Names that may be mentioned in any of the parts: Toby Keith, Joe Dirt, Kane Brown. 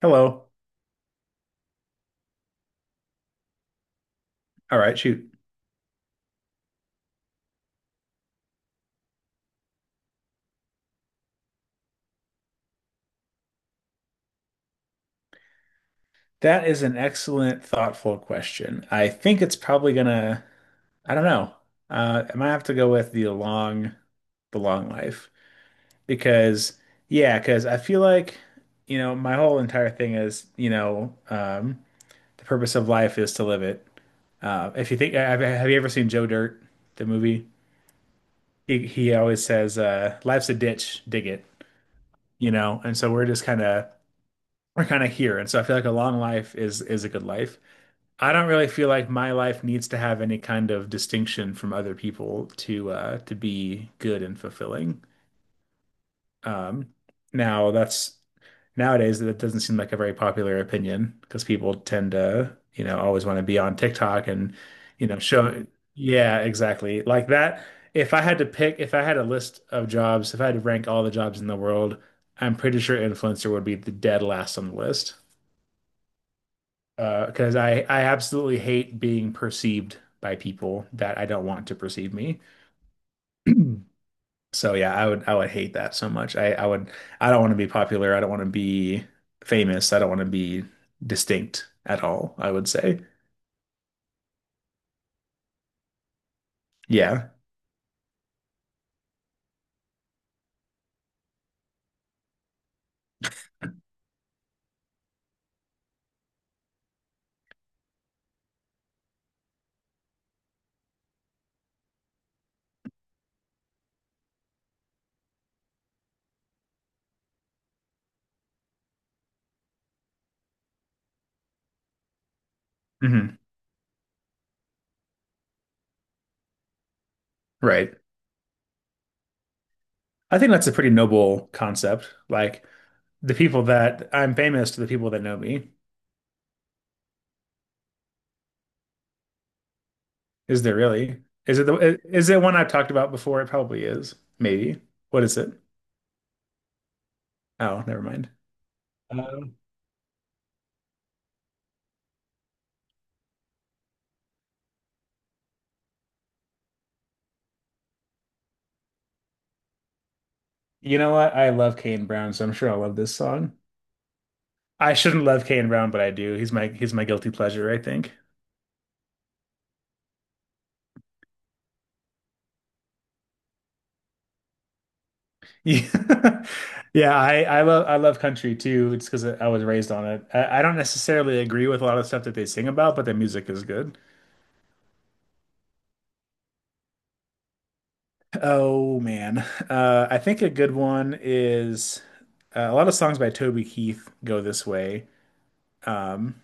Hello. All right, shoot. That is an excellent, thoughtful question. I think it's probably gonna, I don't know. I might have to go with the long life because, yeah, because I feel like, my whole entire thing is, the purpose of life is to live it. If you think, Have you ever seen Joe Dirt, the movie? He always says, "Life's a ditch, dig it," you know. And so we're kind of here. And so I feel like a long life is a good life. I don't really feel like my life needs to have any kind of distinction from other people to be good and fulfilling. Um now that's Nowadays that doesn't seem like a very popular opinion because people tend to, always want to be on TikTok and, you know, show yeah, exactly. Like that. If I had to pick, If I had a list of jobs, if I had to rank all the jobs in the world, I'm pretty sure influencer would be the dead last on the list. Because I absolutely hate being perceived by people that I don't want to perceive me. So yeah, I would hate that so much. I don't want to be popular. I don't want to be famous. I don't want to be distinct at all, I would say. Yeah. Hmm. Right. I think that's a pretty noble concept. Like the people that I'm famous to, the people that know me. Is there really? Is it one I've talked about before? It probably is. Maybe. What is it? Oh, never mind. Um, You know what? I love Kane Brown, so I'm sure I'll love this song. I shouldn't love Kane Brown, but I do. He's my guilty pleasure, I think. Yeah, yeah. I love country too. It's because I was raised on it. I don't necessarily agree with a lot of stuff that they sing about, but the music is good. Oh man, I think a good one is a lot of songs by Toby Keith go this way. Um,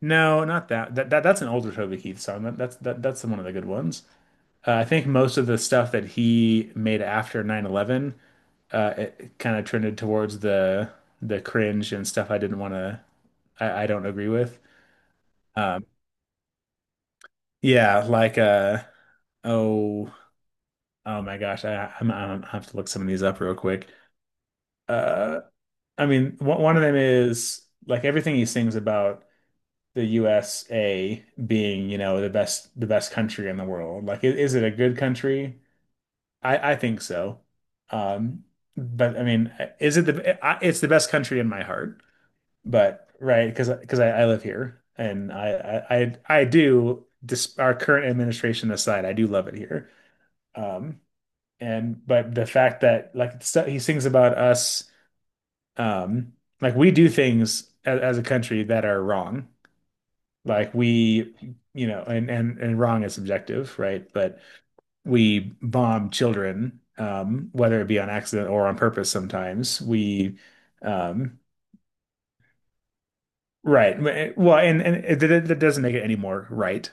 no, not that. That's an older Toby Keith song. That's one of the good ones. I think most of the stuff that he made after 9/11 it kind of trended towards the cringe and stuff I didn't want to I don't agree with. Um, yeah, like uh oh oh my gosh, I'm, I have to look some of these up real quick. Uh, I mean, one of them is like everything he sings about the USA being, you know, the best country in the world. Like, is it a good country? I think so. Um, but I mean, is it the I- It's the best country in my heart, but right because I live here and I I do— dis our current administration aside, I do love it here. Um, and But the fact that like he sings about us, um, like we do things as a country that are wrong, like we you know, and wrong is subjective, right? But we bomb children, whether it be on accident or on purpose sometimes. Um, right. And it, that that doesn't make it any more right.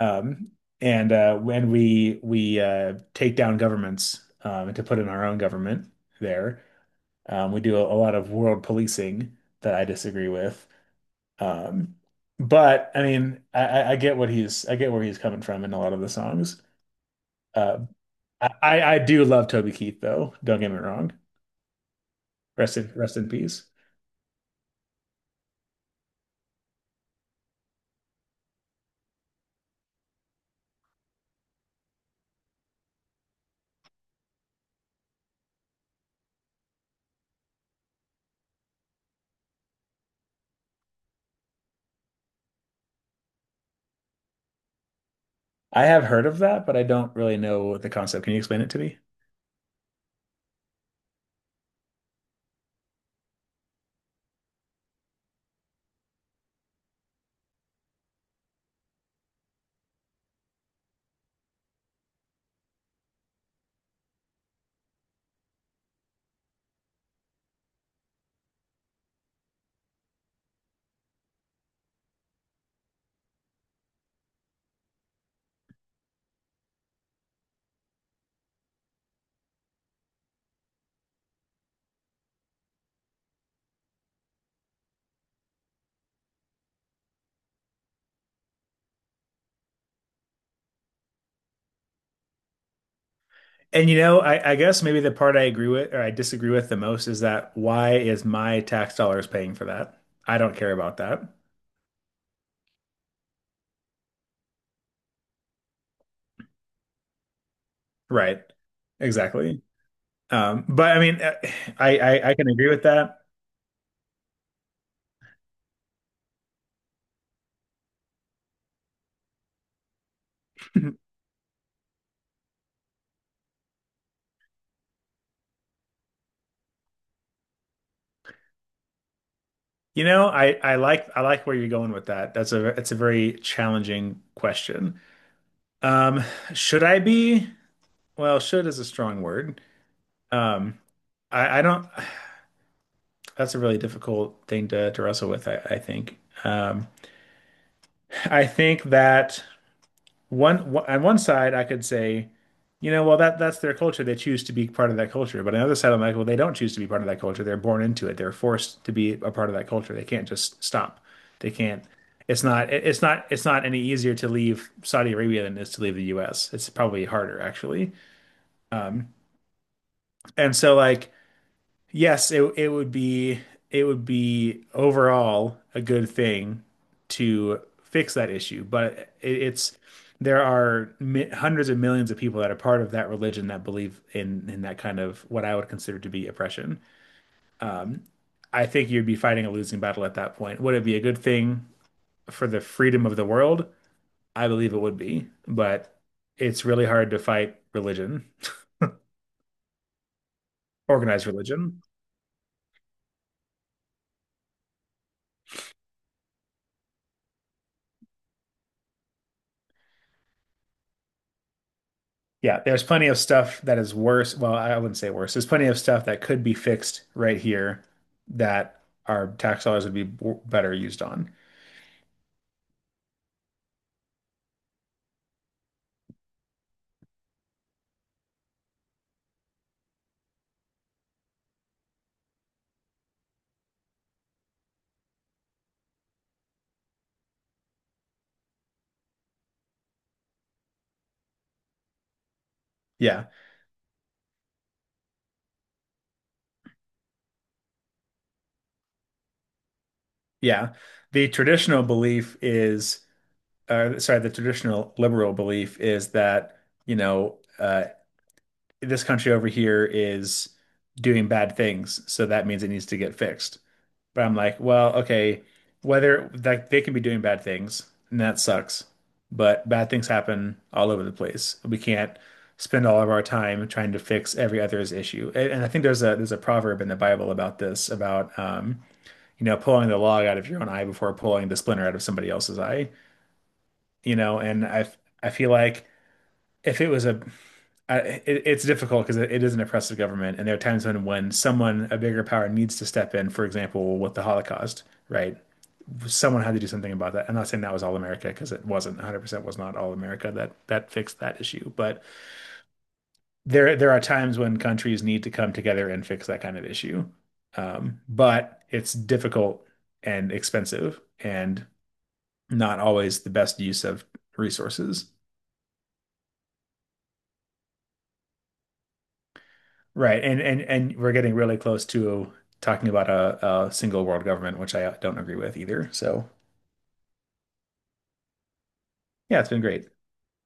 Um, and When we take down governments, to put in our own government there, we do a lot of world policing that I disagree with. Um, but I mean, I get what he's I get where he's coming from in a lot of the songs. Uh, I do love Toby Keith though, don't get me wrong. Rest in peace. I have heard of that, but I don't really know the concept. Can you explain it to me? And you know, I guess maybe the part I agree with or I disagree with the most is that why is my tax dollars paying for that? I don't care about that. Right. Exactly. But I mean, I, I can agree with that. You know, I like where you're going with that. That's— a it's a very challenging question. Um, should I be? Well, should is a strong word. Um, I don't. That's a really difficult thing to wrestle with, I think. Um, I think that on one side, I could say, you know, well that that's their culture. They choose to be part of that culture. But on the other side, I'm like, well, they don't choose to be part of that culture. They're born into it. They're forced to be a part of that culture. They can't just stop. They can't. It's not. It's not any easier to leave Saudi Arabia than it is to leave the U.S. It's probably harder, actually. And so, like, yes, it would be— it would be overall a good thing to fix that issue, but it's— there are mi hundreds of millions of people that are part of that religion that believe in that kind of what I would consider to be oppression. Um, I think you'd be fighting a losing battle at that point. Would it be a good thing for the freedom of the world? I believe it would be, but it's really hard to fight religion, organized religion. Yeah, there's plenty of stuff that is worse. Well, I wouldn't say worse. There's plenty of stuff that could be fixed right here that our tax dollars would be better used on. Yeah, yeah. The traditional belief is, sorry, the traditional liberal belief is that, you know, this country over here is doing bad things, so that means it needs to get fixed. But I'm like, well, okay, whether like they can be doing bad things, and that sucks. But bad things happen all over the place. We can't spend all of our time trying to fix every other's issue. And I think there's a proverb in the Bible about this, about you know, pulling the log out of your own eye before pulling the splinter out of somebody else's eye. You know, and I feel like if it was a I, it, it's difficult because it is an oppressive government, and there are times when someone— a bigger power needs to step in, for example, with the Holocaust, right? Someone had to do something about that. I'm not saying that was all America because it wasn't 100% was not all America that that fixed that issue, but there are times when countries need to come together and fix that kind of issue. But it's difficult and expensive and not always the best use of resources. Right. And we're getting really close to talking about a single world government, which I don't agree with either. So, yeah, it's been great.